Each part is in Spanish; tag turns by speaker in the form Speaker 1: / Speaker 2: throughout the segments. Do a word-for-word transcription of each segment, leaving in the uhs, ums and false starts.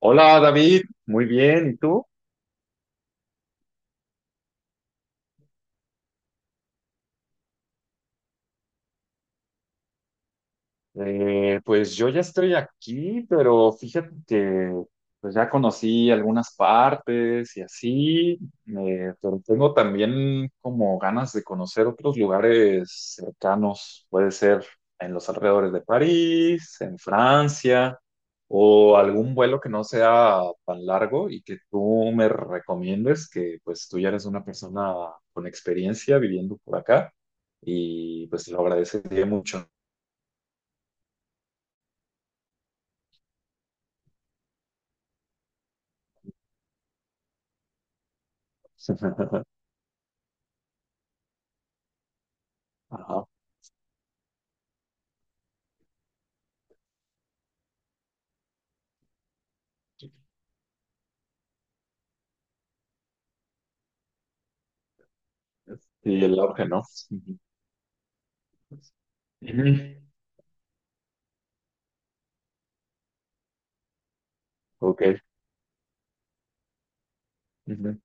Speaker 1: Hola David, muy bien, ¿y tú? Eh, pues yo ya estoy aquí, pero fíjate que pues ya conocí algunas partes y así, eh, pero tengo también como ganas de conocer otros lugares cercanos, puede ser en los alrededores de París, en Francia, o algún vuelo que no sea tan largo y que tú me recomiendes, que pues tú ya eres una persona con experiencia viviendo por acá y pues te lo agradecería mucho. Ajá. Y el auge, ¿no? Ujú. Ujú. Ok. Ujú.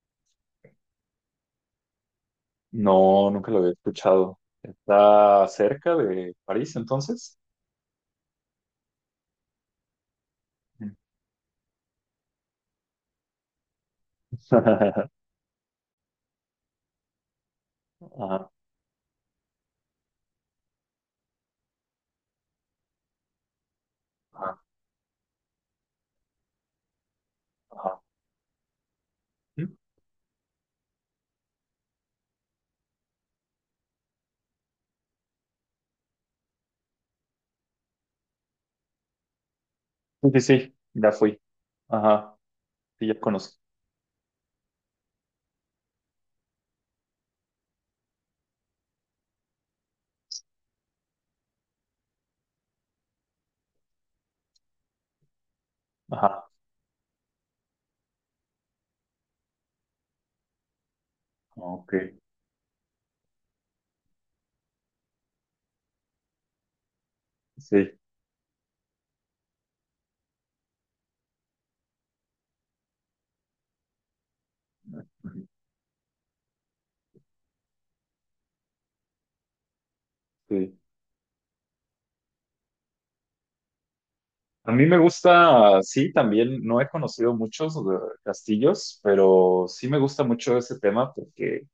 Speaker 1: No, nunca lo había escuchado. ¿Está cerca de París, entonces? Ujú. Ajá, ajá, ajá. Sí, sí, sí, ya fui. Ajá, sí, ya conozco. Ajá, ok, sí, ujú, sí. A mí me gusta, sí, también, no he conocido muchos eh, castillos, pero sí me gusta mucho ese tema porque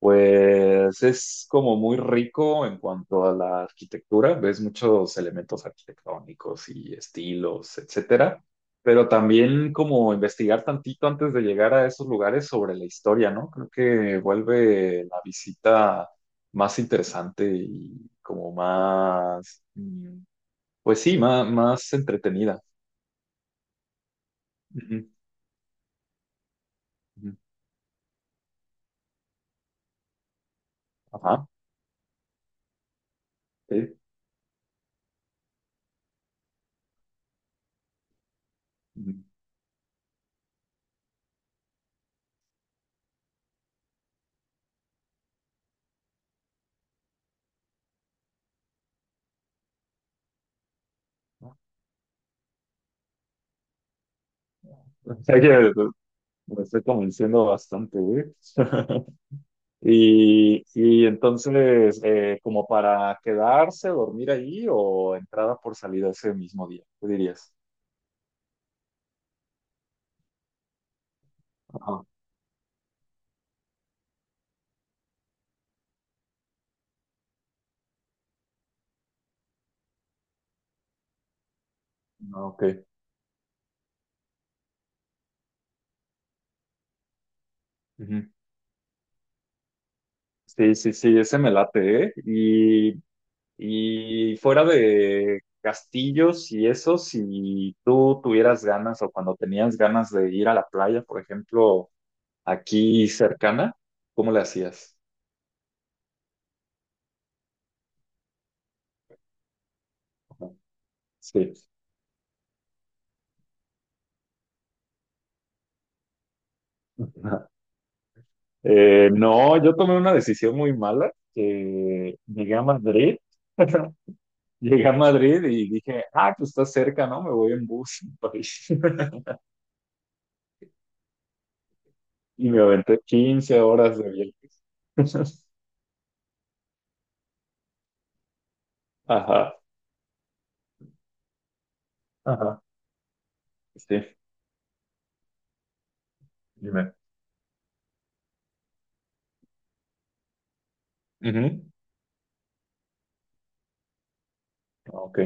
Speaker 1: pues es como muy rico en cuanto a la arquitectura, ves muchos elementos arquitectónicos y estilos, etcétera, pero también como investigar tantito antes de llegar a esos lugares sobre la historia, ¿no? Creo que vuelve la visita más interesante y como más, mm, pues sí, más, más entretenida. Ujú, ujú. Ajá, sí. Ujú. O sea que lo estoy convenciendo bastante, güey. Y, y entonces, eh, como para quedarse, dormir ahí o entrada por salida ese mismo día, ¿qué dirías? Ajá, ah, ok. Ujú. Sí, sí, sí, ese me late, ¿eh? Y, y fuera de castillos y eso, si tú tuvieras ganas o cuando tenías ganas de ir a la playa, por ejemplo, aquí cercana, ¿cómo le hacías? Ajá, sí. Eh, no, yo tomé una decisión muy mala. Eh, llegué a Madrid, llegué a Madrid y dije, ah, pues está cerca, ¿no? Me voy en bus a París. Y me aventé quince horas de viaje. Ajá, ajá, sí, dime. Ujú, ah, ok.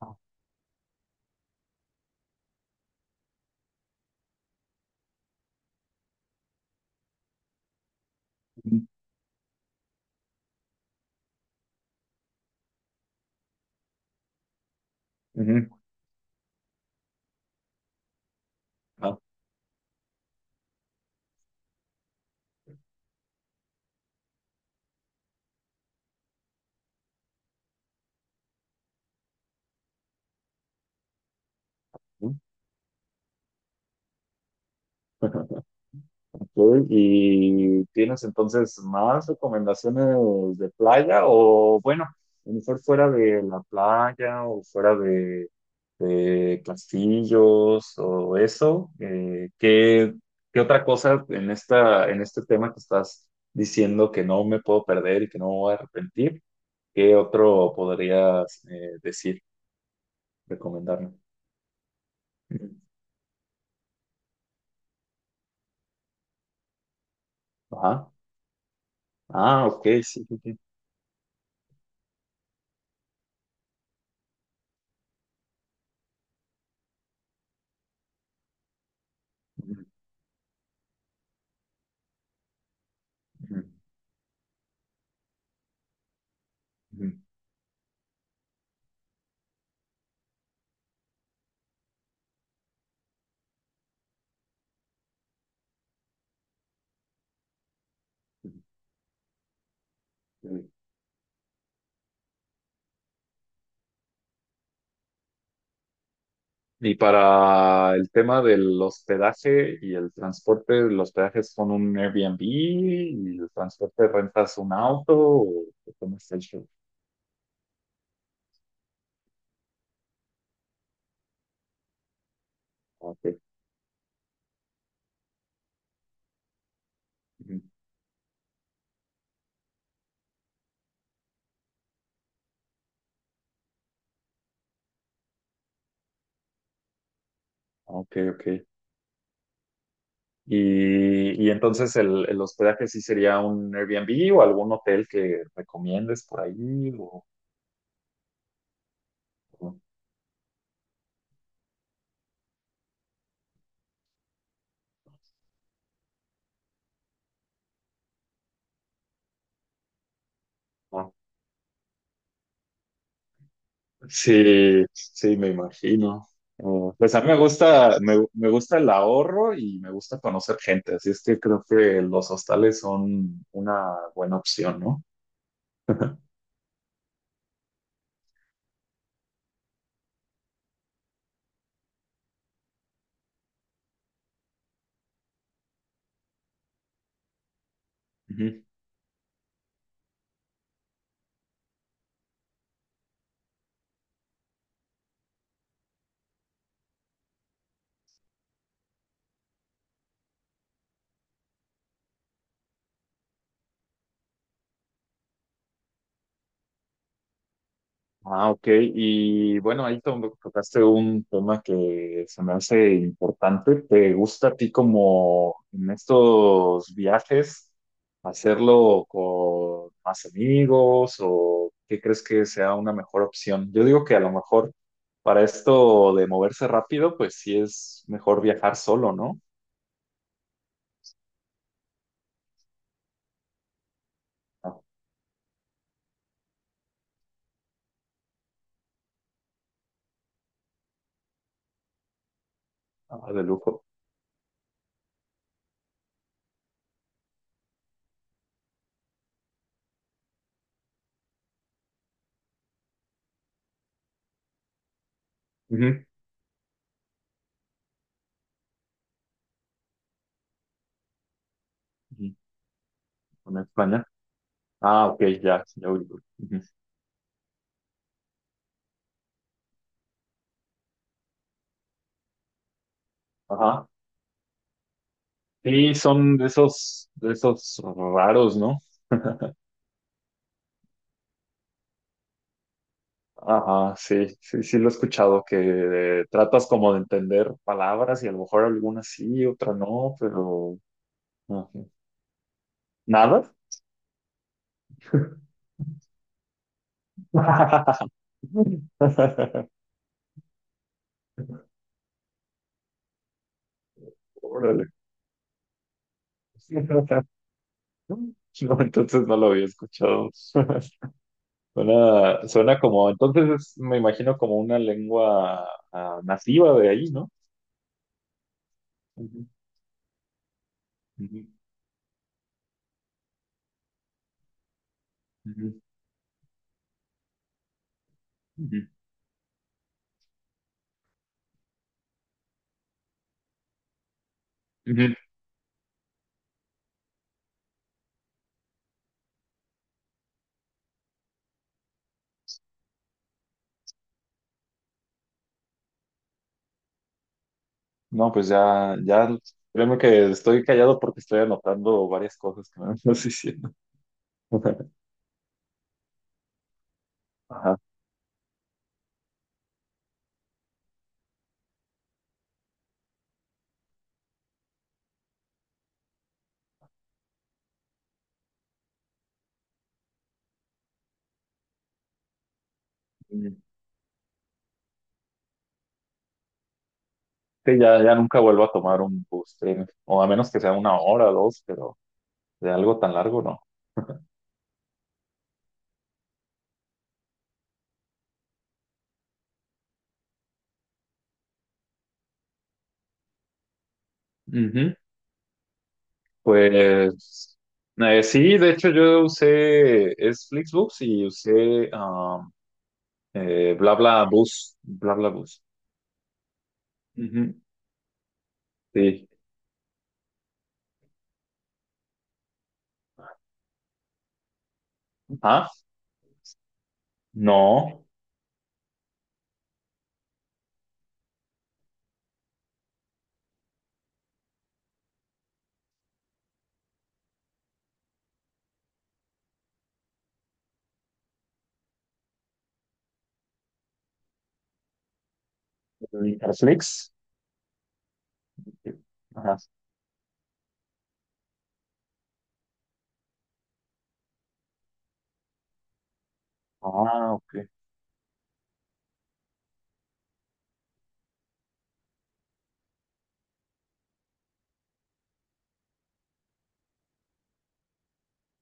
Speaker 1: Ah, ujú, ujú, ah, ujú. Ok, ¿y tienes entonces más recomendaciones de playa o bueno, a lo mejor fuera de la playa o fuera de, de castillos o eso? Eh, ¿qué, qué otra cosa en esta, en este tema que estás diciendo que no me puedo perder y que no me voy a arrepentir? ¿Qué otro podrías eh, decir, recomendarme? Ujú. Ajá. Ah, ok, sí, sí, sí. Ujú, ujú, ujú. Y para el tema del hospedaje y el transporte, los hospedaje es con un Airbnb y el transporte rentas un auto o ¿cómo está el show? Ah, ok, ujú. Ok, ok. Y, y entonces el, el hospedaje sí sería un Airbnb o algún hotel que recomiendes por ahí o, sí, sí, me imagino. Oh, pues a mí me gusta, me, me gusta el ahorro y me gusta conocer gente, así es que creo que los hostales son una buena opción, ¿no? Ah, ok. Y bueno, ahí to- tocaste un tema que se me hace importante. ¿Te gusta a ti como en estos viajes hacerlo con más amigos o qué crees que sea una mejor opción? Yo digo que a lo mejor para esto de moverse rápido, pues sí es mejor viajar solo, ¿no? Ah, ah, de lujo. Ujú, ujú, con España. Ah, ok, ya, ya ubico. Ujú, ajá. Sí, son de esos, de esos raros, ¿no? Ajá, sí, sí, sí lo he escuchado, que tratas como de entender palabras y a lo mejor alguna sí, otra no, pero ajá. Nada. Órale. No, entonces no lo había escuchado. Suena, suena como, entonces es, me imagino como una lengua ah, nativa de ahí, ¿no? Ujú, ujú, ujú, ujú, ujú. No, pues ya, ya, créeme que estoy callado porque estoy anotando varias cosas que me estás diciendo. Ajá. Sí, ya, ya nunca vuelvo a tomar un bus, créeme. O a menos que sea una hora dos, pero de algo tan largo no. Ujú. Pues eh, sí, de hecho yo usé es Flixbus y usé um, eh, BlaBlaBus, BlaBlaBus. Ujú, sí. Ah, no, Interflix. Ajá. Ah, ok.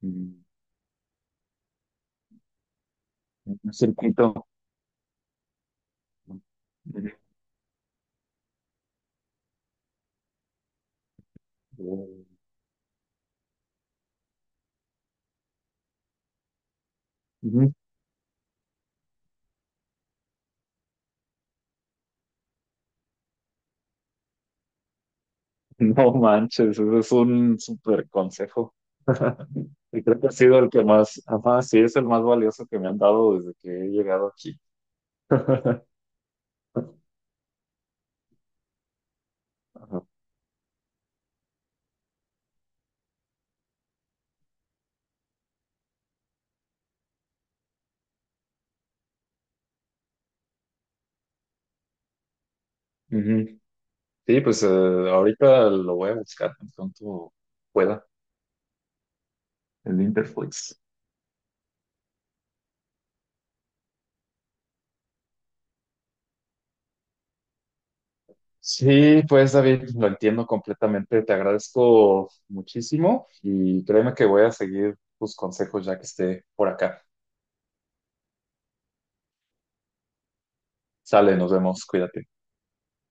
Speaker 1: Mm. Un circuito. Ujú. No manches, eso es un súper consejo. Y creo que ha sido el que más, ajá, sí, es el más valioso que me han dado desde que he llegado aquí. Ajá. Ujú. Sí, pues eh, ahorita lo voy a buscar tan pronto pueda, el Interflix. Sí, pues David, lo entiendo completamente. Te agradezco muchísimo y créeme que voy a seguir tus consejos ya que esté por acá. Sale, nos vemos, cuídate.